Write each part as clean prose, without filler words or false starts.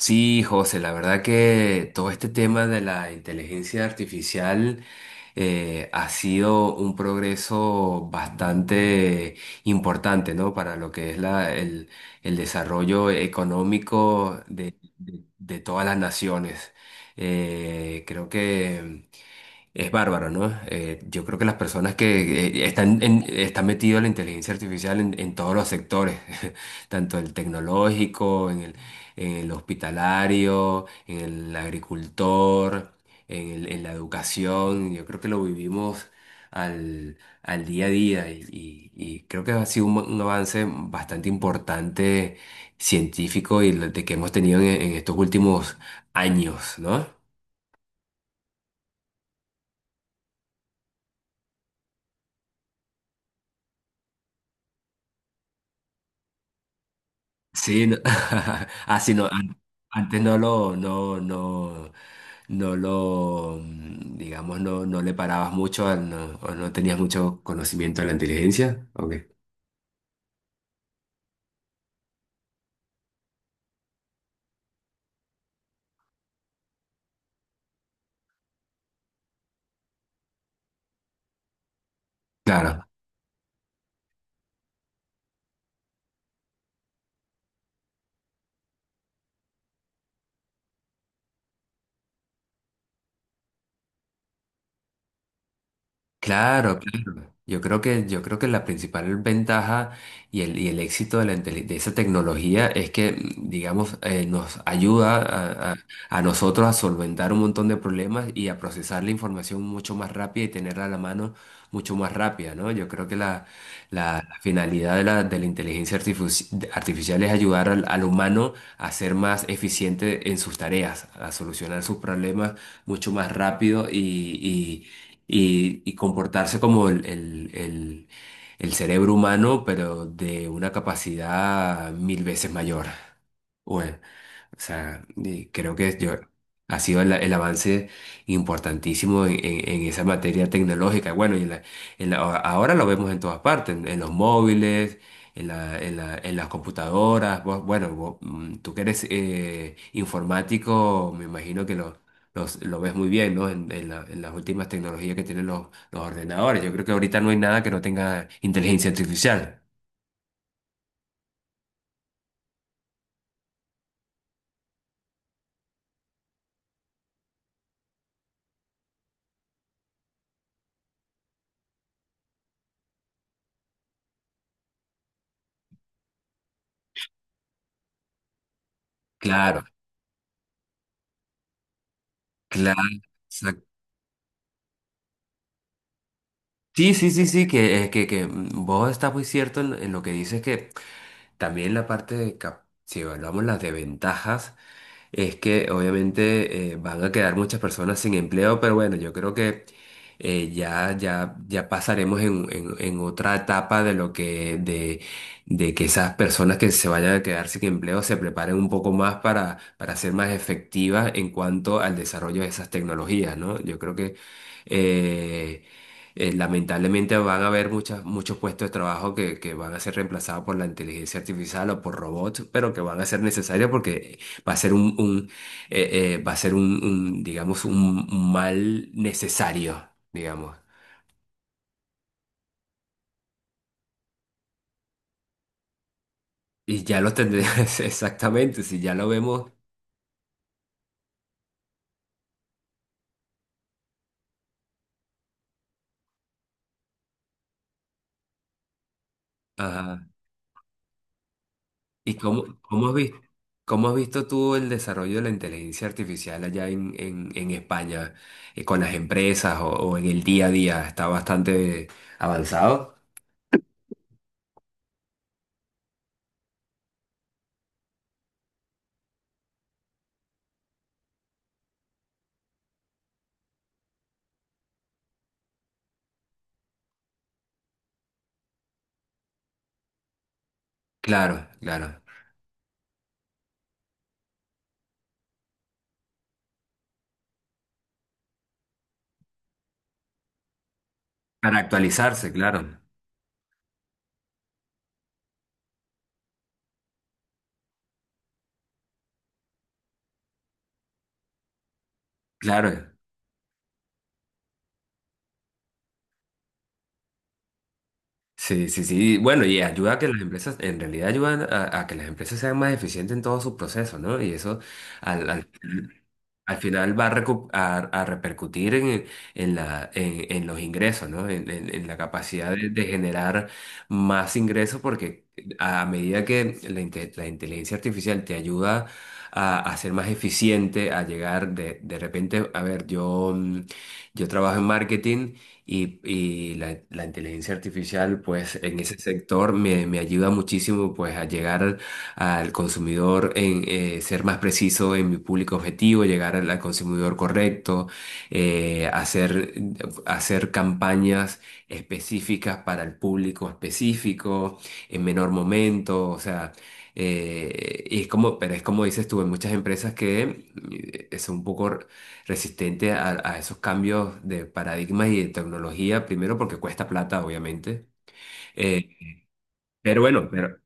Sí, José, la verdad que todo este tema de la inteligencia artificial ha sido un progreso bastante importante, ¿no? Para lo que es el desarrollo económico de todas las naciones. Creo que es bárbaro, ¿no? Yo creo que las personas que están metidas en la inteligencia artificial en todos los sectores, tanto el tecnológico, en el hospitalario, en el agricultor, en la educación, yo creo que lo vivimos al, al día a día y creo que ha sido un avance bastante importante científico y lo de que hemos tenido en estos últimos años, ¿no? Sí, no. Ah, sí, no, antes no lo, no, no, no lo, mm, digamos, no le parabas mucho o no tenías mucho conocimiento de la inteligencia. Ok, claro. Claro, claro. Yo creo que la principal ventaja y el éxito de esa tecnología es que, digamos, nos ayuda a nosotros a solventar un montón de problemas y a procesar la información mucho más rápida y tenerla a la mano mucho más rápida, ¿no? Yo creo que la finalidad de la inteligencia artificial es ayudar al humano a ser más eficiente en sus tareas, a solucionar sus problemas mucho más rápido y comportarse como el cerebro humano, pero de una capacidad mil veces mayor. Bueno. O sea, y creo que yo, ha sido el avance importantísimo en esa materia tecnológica. Bueno, y ahora lo vemos en todas partes, en los móviles, en las computadoras. Bueno, vos, tú que eres informático, me imagino que lo ves muy bien, ¿no? En las últimas tecnologías que tienen los ordenadores. Yo creo que ahorita no hay nada que no tenga inteligencia artificial. Claro, claro. Sí, sí, sí, sí, que, vos estás muy cierto en lo que dices que también la parte de, si evaluamos las desventajas, es que obviamente van a quedar muchas personas sin empleo, pero bueno, yo creo que ya pasaremos en otra etapa de lo que, de que esas personas que se vayan a quedar sin empleo se preparen un poco más para ser más efectivas en cuanto al desarrollo de esas tecnologías, ¿no? Yo creo que... eh, lamentablemente van a haber muchos puestos de trabajo que van a ser reemplazados por la inteligencia artificial o por robots, pero que van a ser necesarios porque va a ser un, un, va a ser digamos, un mal necesario, digamos. Y ya lo tendrías exactamente, si ya lo vemos. Ajá. ¿Y cómo, cómo has visto tú el desarrollo de la inteligencia artificial allá en España, con las empresas o en el día a día? ¿Está bastante avanzado? Claro, claro. Para actualizarse, claro. Claro. Sí, sí, sí. Bueno, y ayuda a que las empresas, en realidad ayudan a que las empresas sean más eficientes en todo su proceso, ¿no? Y eso al, al, al final va a, a repercutir en la, en los ingresos, ¿no? En la capacidad de generar más ingresos porque a medida que la inteligencia artificial te ayuda a ser más eficiente, a llegar de repente, a ver, yo, yo trabajo en marketing. Y la inteligencia artificial, pues en ese sector me, me ayuda muchísimo pues a llegar al consumidor, en ser más preciso en mi público objetivo, llegar al consumidor correcto, eh, hacer, hacer campañas específicas para el público específico, en menor momento, o sea, y es como, pero es como dices tú, en muchas empresas que son un poco resistente a esos cambios de paradigmas y de tecnología, primero porque cuesta plata, obviamente. Eh, pero bueno, pero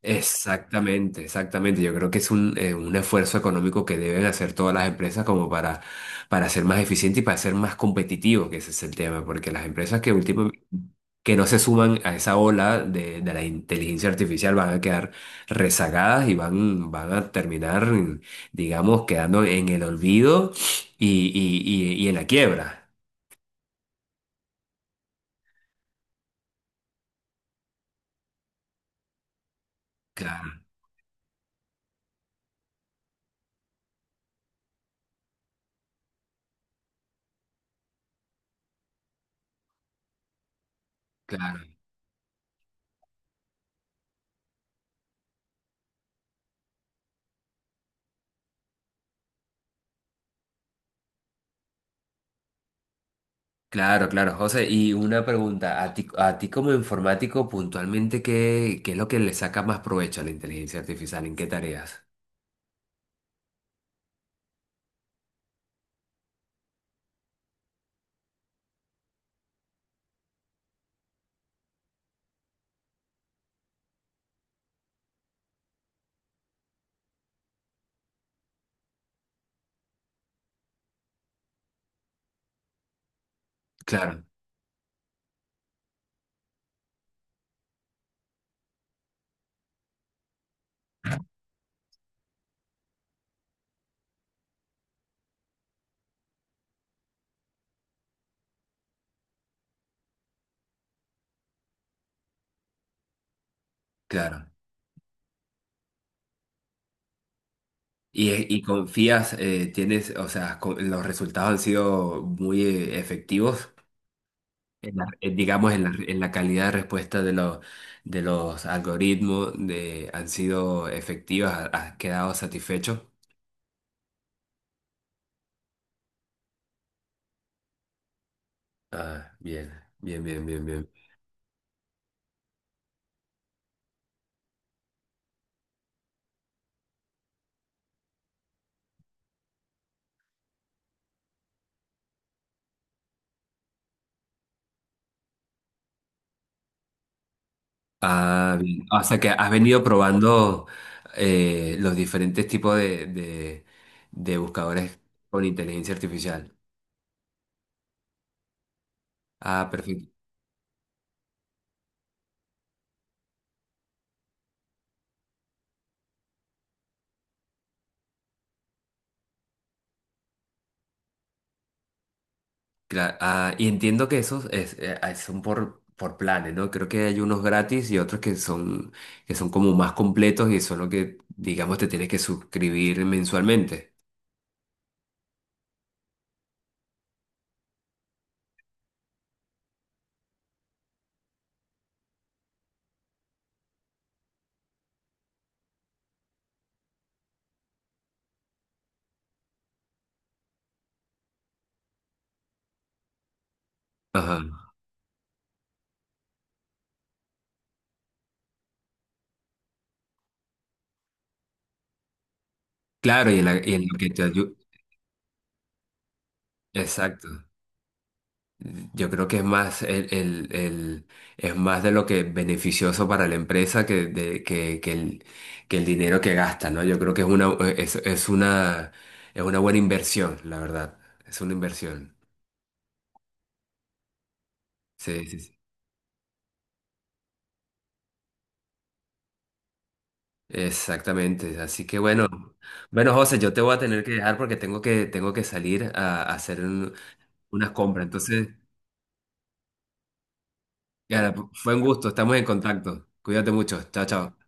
exactamente, exactamente. Yo creo que es un esfuerzo económico que deben hacer todas las empresas como para ser más eficientes y para ser más competitivos, que ese es el tema, porque las empresas que no se suman a esa ola de la inteligencia artificial van a quedar rezagadas y van, van a terminar, digamos, quedando en el olvido y en la quiebra. Claro, claro. Claro, claro, José. Y una pregunta, a ti como informático, puntualmente, ¿qué, qué es lo que le saca más provecho a la inteligencia artificial? ¿En qué tareas? Claro, claro. Y confías, tienes, o sea, los resultados han sido muy efectivos, digamos, en la calidad de respuesta de los algoritmos, de, han sido efectivas, ¿has quedado satisfecho? Ah, bien, bien, bien, bien, bien. Ah, bien. O sea que has venido probando los diferentes tipos de buscadores con inteligencia artificial. Ah, perfecto. Y entiendo que son por planes, ¿no? Creo que hay unos gratis y otros que son como más completos y son los que, digamos, te tienes que suscribir mensualmente. Ajá. Claro, y en la, y en lo que te ayuda. Exacto. Yo creo que es más es más de lo que beneficioso para la empresa que, que que el dinero que gasta, ¿no? Yo creo que es una buena inversión, la verdad. Es una inversión. Sí, sí, sí. Exactamente. Así que bueno, bueno, José, yo te voy a tener que dejar porque tengo que salir a hacer unas compras. Entonces, ya, fue un gusto, estamos en contacto. Cuídate mucho. Chao, chao.